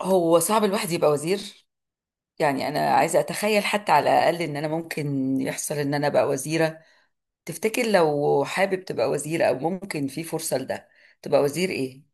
هو صعب الواحد يبقى وزير، يعني انا عايزه اتخيل حتى على الاقل ان انا ممكن يحصل ان انا ابقى وزيره. تفتكر لو حابب تبقى وزير او ممكن في فرصه لده؟ تبقى وزير ايه؟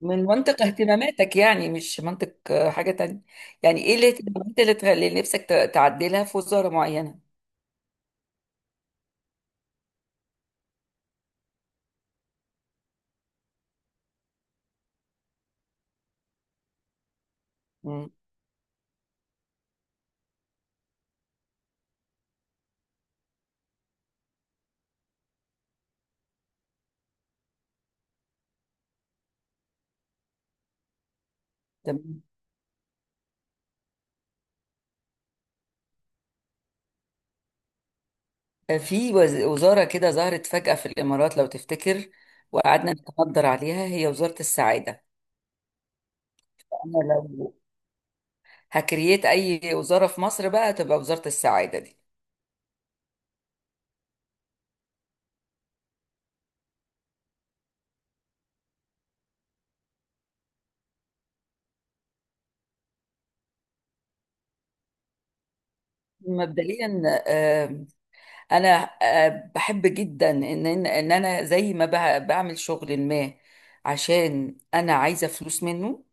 من منطق اهتماماتك، يعني مش منطق حاجه تانية. يعني ايه الاهتمامات اللي تخلي نفسك تعدلها في وزاره معينه؟ مم. تمام. في وزاره كده ظهرت فجاه في الامارات لو تفتكر، وقعدنا نتحضر عليها، هي وزاره السعاده. انا هكرييت اي وزاره في مصر بقى تبقى وزاره السعاده دي. مبدئيا، انا بحب جدا ان ان إن انا زي ما بعمل شغل ما عشان انا عايزه فلوس منه،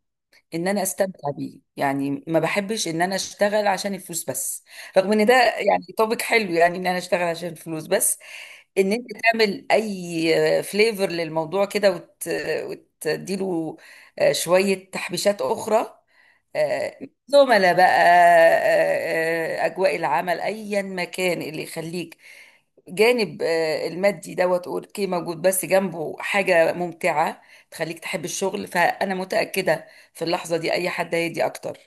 ان انا استمتع بيه. يعني ما بحبش ان انا اشتغل عشان الفلوس بس، رغم ان ده يعني توبيك حلو، يعني ان انا اشتغل عشان الفلوس بس. ان انت تعمل اي فليفر للموضوع كده وتديله شويه تحبيشات اخرى، آه، زملاء بقى، أجواء العمل، أيا مكان اللي يخليك جانب المادي دوت اوكي موجود، بس جنبه حاجة ممتعة تخليك تحب الشغل. فأنا متأكدة في اللحظة دي أي حد هيدي أكتر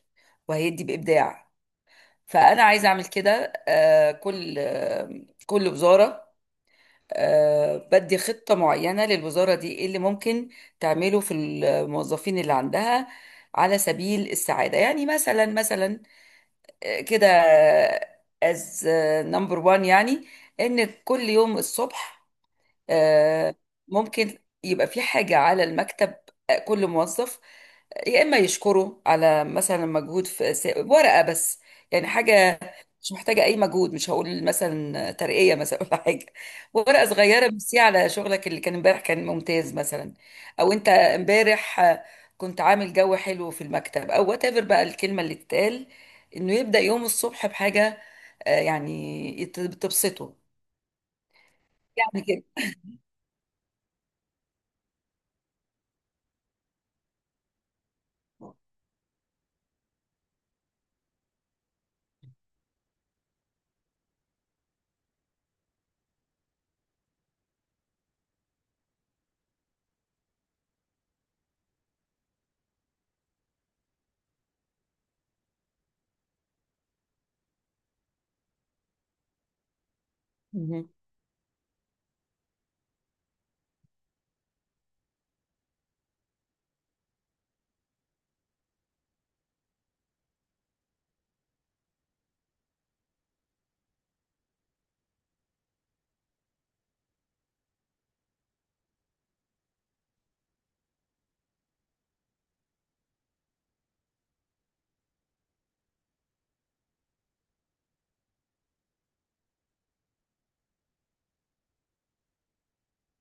وهيدي بإبداع. فأنا عايزة أعمل كده، كل وزارة بدي خطة معينة. للوزارة دي ايه اللي ممكن تعمله في الموظفين اللي عندها على سبيل السعادة؟ يعني مثلا مثلا كده، از نمبر وان يعني، ان كل يوم الصبح آه، ممكن يبقى في حاجة على المكتب، كل موظف يا إما يشكره على مثلا مجهود، في ورقة بس، يعني حاجة مش محتاجة أي مجهود. مش هقول مثلا ترقية مثلا ولا حاجة، ورقة صغيرة بس على شغلك اللي كان امبارح كان ممتاز مثلا. أو أنت امبارح كنت عامل جو حلو في المكتب، أو وات ايفر بقى الكلمة اللي تتقال، إنه يبدأ يوم الصبح بحاجة يعني تبسطه، يعني كده. مهم.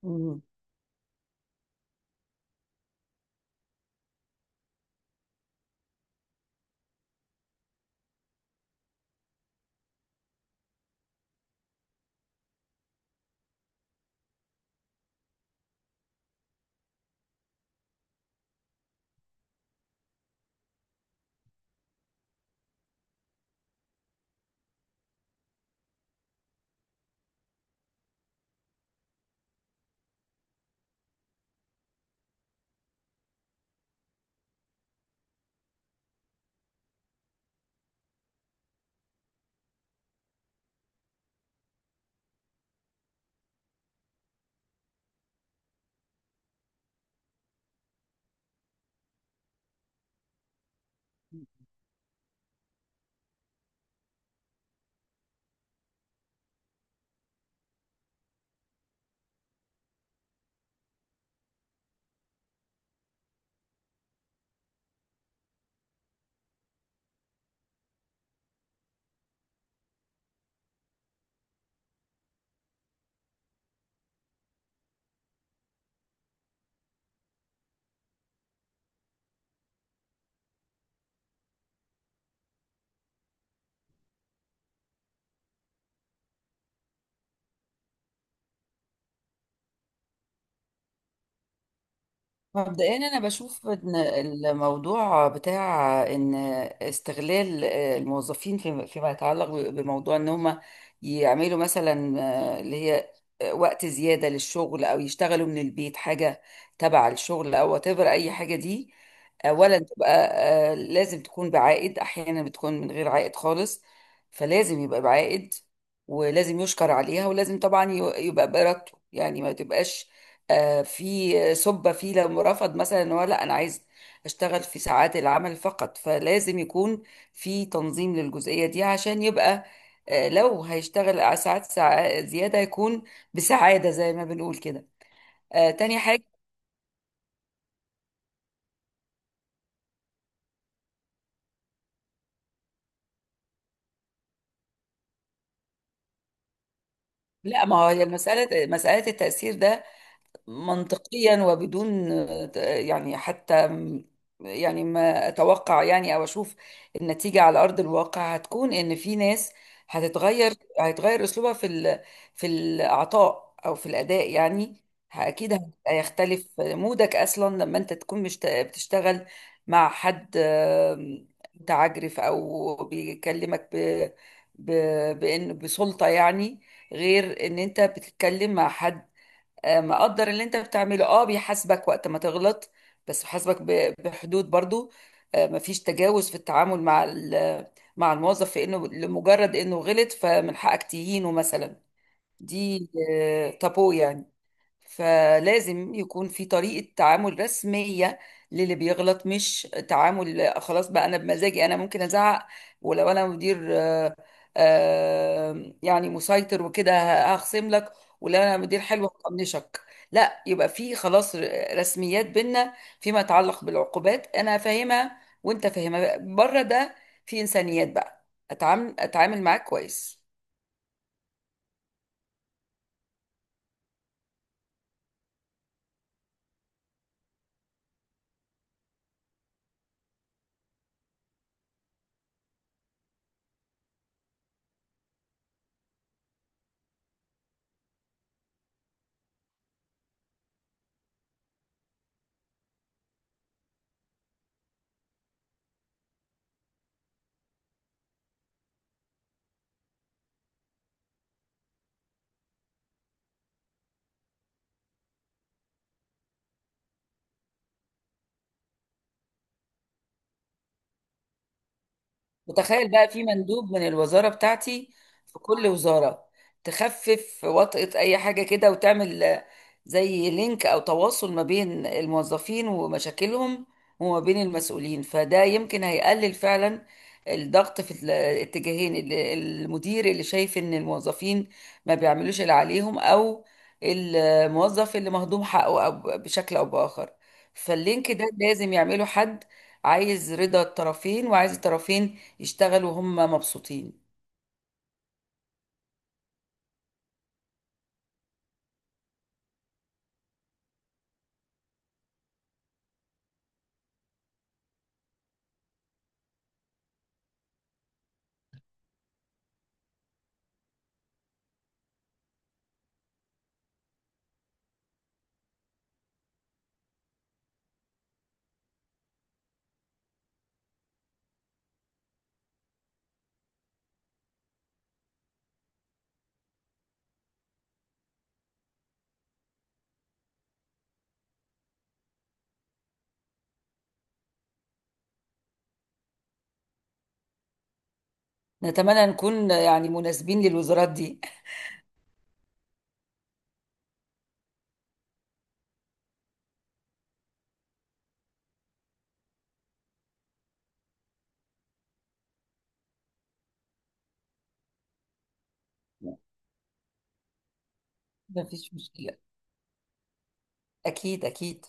مهم. مبدئيا انا بشوف ان الموضوع بتاع ان استغلال الموظفين فيما يتعلق بموضوع ان هم يعملوا مثلا اللي هي وقت زيادة للشغل، او يشتغلوا من البيت حاجة تبع الشغل، او whatever اي حاجة دي، اولا تبقى لازم تكون بعائد. احيانا بتكون من غير عائد خالص، فلازم يبقى بعائد، ولازم يشكر عليها، ولازم طبعا يبقى براتبه، يعني ما تبقاش في سبة فيه لو رفض مثلا ان هو لا انا عايز اشتغل في ساعات العمل فقط. فلازم يكون في تنظيم للجزئية دي عشان يبقى لو هيشتغل ع- ساعات ساعة زيادة يكون بسعادة زي ما بنقول كده. تاني حاجة، لا، ما هو هي المسألة مسألة التأثير ده منطقيا وبدون، يعني حتى، يعني ما اتوقع، يعني او اشوف النتيجه على ارض الواقع هتكون ان في ناس هتتغير هيتغير اسلوبها في الاعطاء او في الاداء يعني. اكيد هيبقى يختلف مودك اصلا لما انت تكون بتشتغل مع حد متعجرف او بيكلمك بان بسلطه، يعني غير ان انت بتتكلم مع حد مقدر اللي انت بتعمله، بيحاسبك وقت ما تغلط، بس بيحاسبك بحدود برضو. مفيش تجاوز في التعامل مع الموظف في انه لمجرد انه غلط فمن حقك تهينه مثلا. دي تابو يعني، فلازم يكون في طريقة تعامل رسمية للي بيغلط، مش تعامل خلاص بقى أنا بمزاجي أنا ممكن أزعق، ولو أنا مدير يعني مسيطر وكده هخصم لك، ولو أنا مدير حلو هطنشك. لا، يبقى في خلاص رسميات بينا، فيما يتعلق بالعقوبات أنا فاهمها وأنت فاهمها. بره ده، في إنسانيات بقى، أتعامل معاك كويس. وتخيل بقى في مندوب من الوزارة بتاعتي في كل وزارة، تخفف وطأة أي حاجة كده وتعمل زي لينك أو تواصل ما بين الموظفين ومشاكلهم وما بين المسؤولين، فده يمكن هيقلل فعلا الضغط في الاتجاهين، المدير اللي شايف إن الموظفين ما بيعملوش اللي عليهم، أو الموظف اللي مهضوم حقه، أو بشكل أو بآخر. فاللينك ده لازم يعمله حد عايز رضا الطرفين، وعايز الطرفين يشتغلوا وهم مبسوطين. نتمنى نكون يعني مناسبين للوزارات دي. مفيش مشكلة، أكيد أكيد.